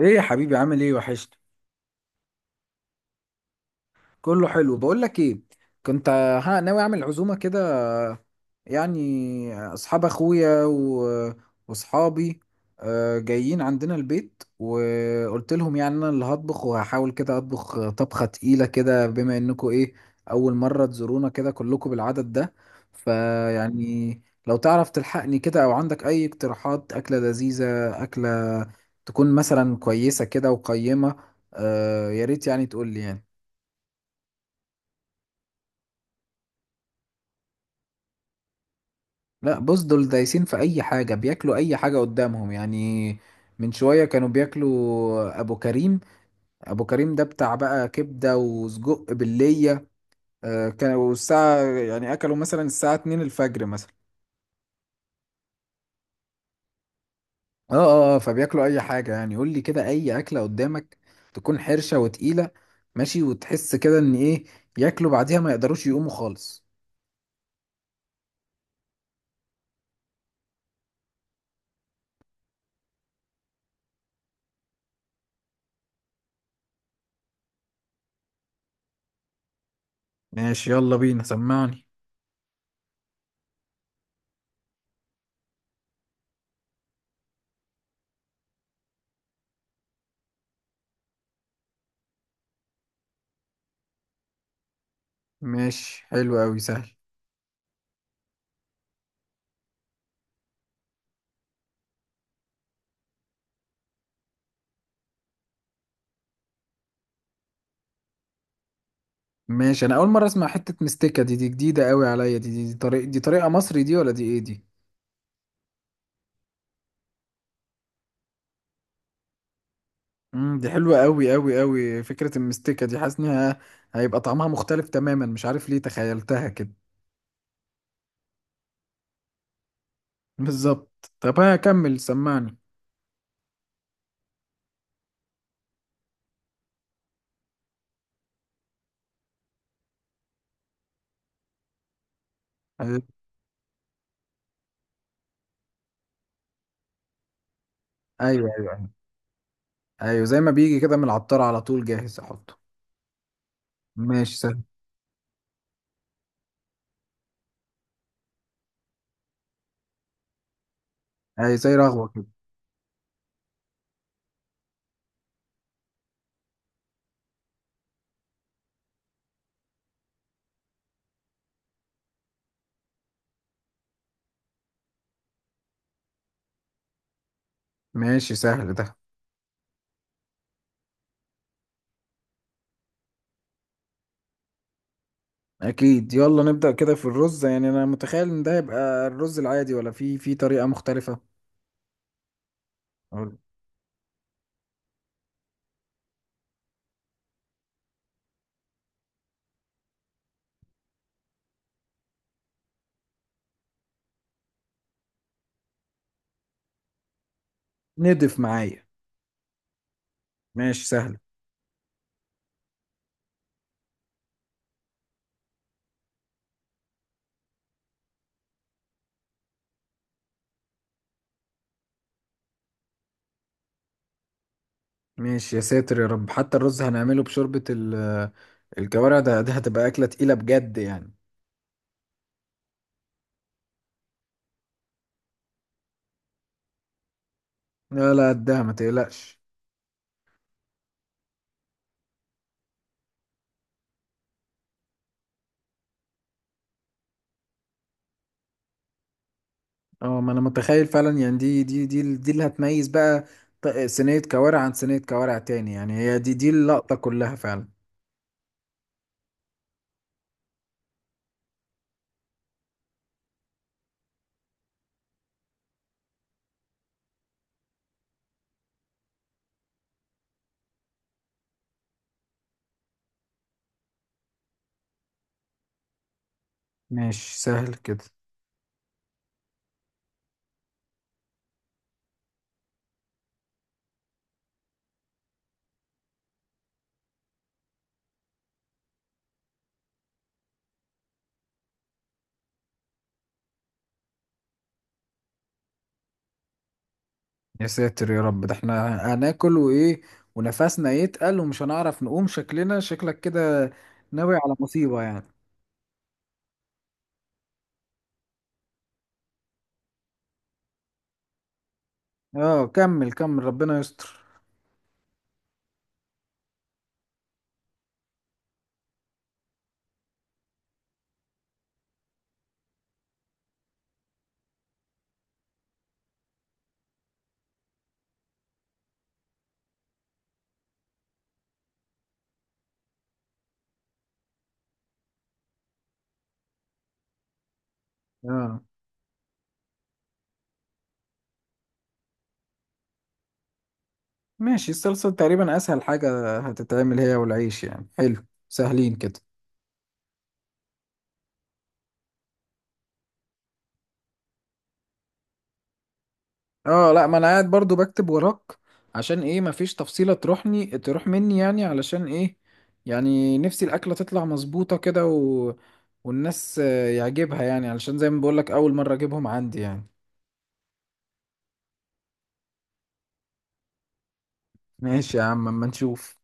ايه يا حبيبي، عامل ايه؟ وحشت. كله حلو. بقول لك ايه، كنت ها ناوي اعمل عزومه كده، يعني اصحاب اخويا واصحابي جايين عندنا البيت وقلت لهم يعني انا اللي هطبخ وهحاول كده اطبخ طبخه تقيله كده بما انكم ايه، اول مره تزورونا كده كلكم بالعدد ده. فيعني لو تعرف تلحقني كده او عندك اي اقتراحات اكله لذيذه، اكله تكون مثلا كويسه كده وقيمه. يا ريت يعني تقول لي يعني. لا بص، دول دايسين في اي حاجه، بياكلوا اي حاجه قدامهم يعني. من شويه كانوا بياكلوا ابو كريم. ابو كريم ده بتاع بقى كبده وسجق بالليه. كانوا الساعه يعني اكلوا مثلا الساعه 2 الفجر مثلا. اه اه، فبياكلوا اي حاجه يعني. قول لي كده اي اكله قدامك تكون حرشه وتقيله، ماشي، وتحس كده ان ايه، ياكلوا بعديها ما يقدروش يقوموا خالص. ماشي، يلا بينا، سمعني. ماشي حلو قوي، سهل. ماشي، انا اول مره اسمع حته مستكه، دي جديده قوي عليا. دي طريقه، دي طريقه مصري دي ولا دي ايه دي؟ دي حلوه قوي قوي قوي. فكره المستكه دي، حاسس انها هيبقى طعمها مختلف تماما، مش عارف ليه تخيلتها كده. بالظبط. طب ها، كمل سمعني. ايوه، ايوه، ايوه، ايوه، زي ما بيجي كده من العطار على طول جاهز احطه. ماشي سهل. اي، زي رغوه كده. ماشي سهل ده. اكيد، يلا نبدا كده في الرز. يعني انا متخيل ان ده يبقى الرز العادي، ولا في طريقه مختلفه؟ قول. ندف معايا. ماشي سهل. ماشي، يا ساتر يا رب، حتى الرز هنعمله بشوربة الكوارع. ده هتبقى أكلة تقيلة بجد يعني. لا لا، قدها، ما تقلقش. اه، ما انا متخيل فعلا يعني، دي اللي هتميز بقى صينية كوارع عن صينية كوارع تاني يعني. هي دي اللقطة كلها فعلا. ماشي سهل كده. يا ساتر يا رب، ده احنا هناكل، وايه، ونفسنا يتقل، ومش هنعرف نقوم. شكلنا شكلك كده، ناوي على مصيبة يعني. اه كمل كمل، ربنا يستر. اه ماشي. الصلصة تقريبا أسهل حاجة هتتعمل، هي والعيش يعني، حلو سهلين كده. اه لا، ما أنا قاعد برضو بكتب وراك عشان ايه، مفيش تفصيلة تروحني تروح مني يعني، علشان ايه، يعني نفسي الأكلة تطلع مظبوطة كده. و... والناس يعجبها يعني، علشان زي ما بقولك أول مرة أجيبهم عندي يعني. ماشي يا عم، أما نشوف.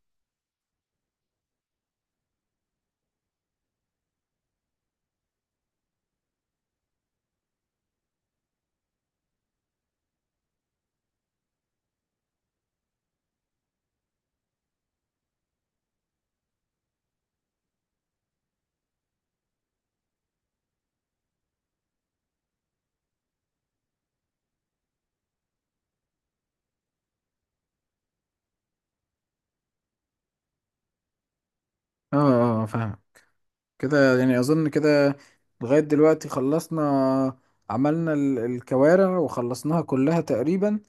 اه اه، فاهم. كده يعني، أظن كده لغاية دلوقتي خلصنا. عملنا الكوارع وخلصناها كلها تقريبا،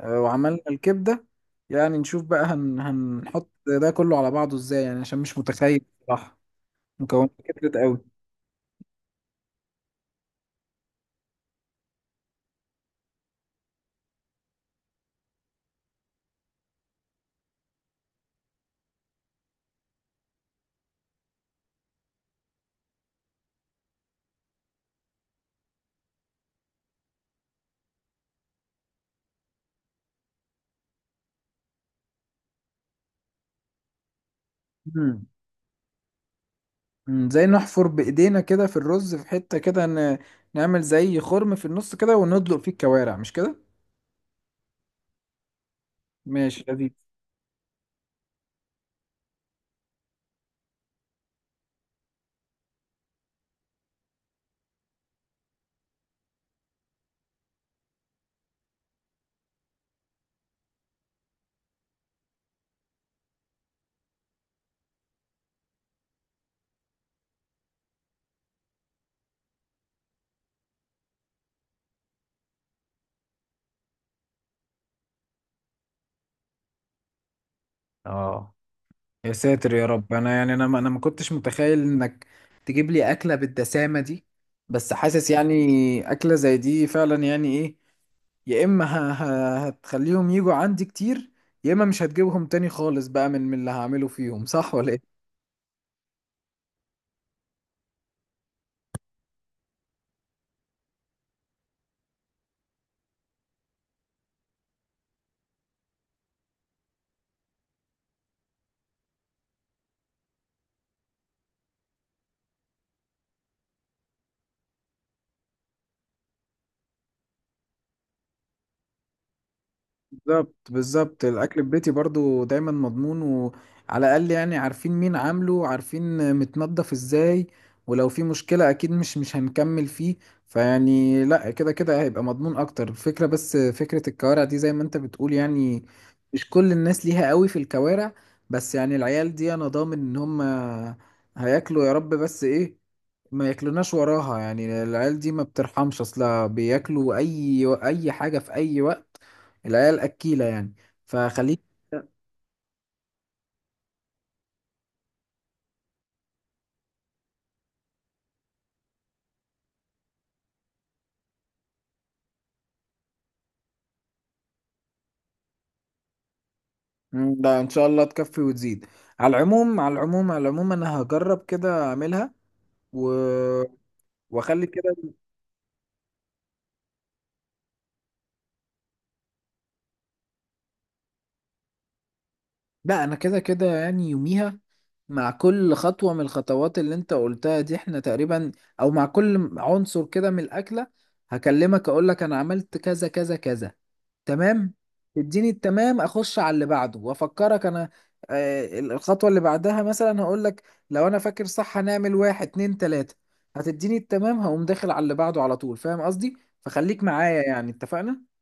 وعملنا الكبدة. يعني نشوف بقى هنحط ده كله على بعضه ازاي يعني، عشان مش متخيل صراحة، مكونات كترت قوي. مم. مم. زي نحفر بإيدينا كده في الرز في حتة كده، نعمل زي خرم في النص كده وندلق فيه الكوارع، مش كده؟ ماشي، لذيذ. اه، يا ساتر يا رب، انا يعني، انا ما انا ما كنتش متخيل انك تجيب لي اكله بالدسامه دي. بس حاسس يعني اكله زي دي فعلا يعني ايه، يا اما هتخليهم يجوا عندي كتير، يا اما مش هتجيبهم تاني خالص بقى من اللي هعمله فيهم، صح ولا ايه؟ بالظبط، بالظبط. الاكل في بيتي برضو دايما مضمون، وعلى الاقل يعني عارفين مين عامله، عارفين متنضف ازاي، ولو في مشكلة اكيد مش هنكمل فيه. فيعني لا، كده كده هيبقى مضمون اكتر. الفكرة بس فكرة الكوارع دي، زي ما انت بتقول يعني، مش كل الناس ليها قوي في الكوارع. بس يعني العيال دي انا ضامن ان هم هياكلوا يا رب، بس ايه، ما ياكلوناش وراها يعني. العيال دي ما بترحمش اصلا، بياكلوا اي حاجه في اي وقت. العيال اكيله يعني. فخليك. مم، ده ان شاء الله تكفي وتزيد. على العموم على العموم على العموم، انا هجرب كده اعملها و... واخلي كده. لا، انا كده كده يعني يوميها مع كل خطوة من الخطوات اللي انت قلتها دي، احنا تقريبا، او مع كل عنصر كده من الاكلة، هكلمك اقولك انا عملت كذا كذا كذا. تمام. اديني التمام، اخش على اللي بعده، وافكرك انا الخطوة اللي بعدها مثلا. هقولك لو انا فاكر صح، هنعمل واحد اتنين تلاتة. هتديني التمام، هقوم داخل على اللي بعده على طول. فاهم قصدي؟ فخليك معايا يعني، اتفقنا؟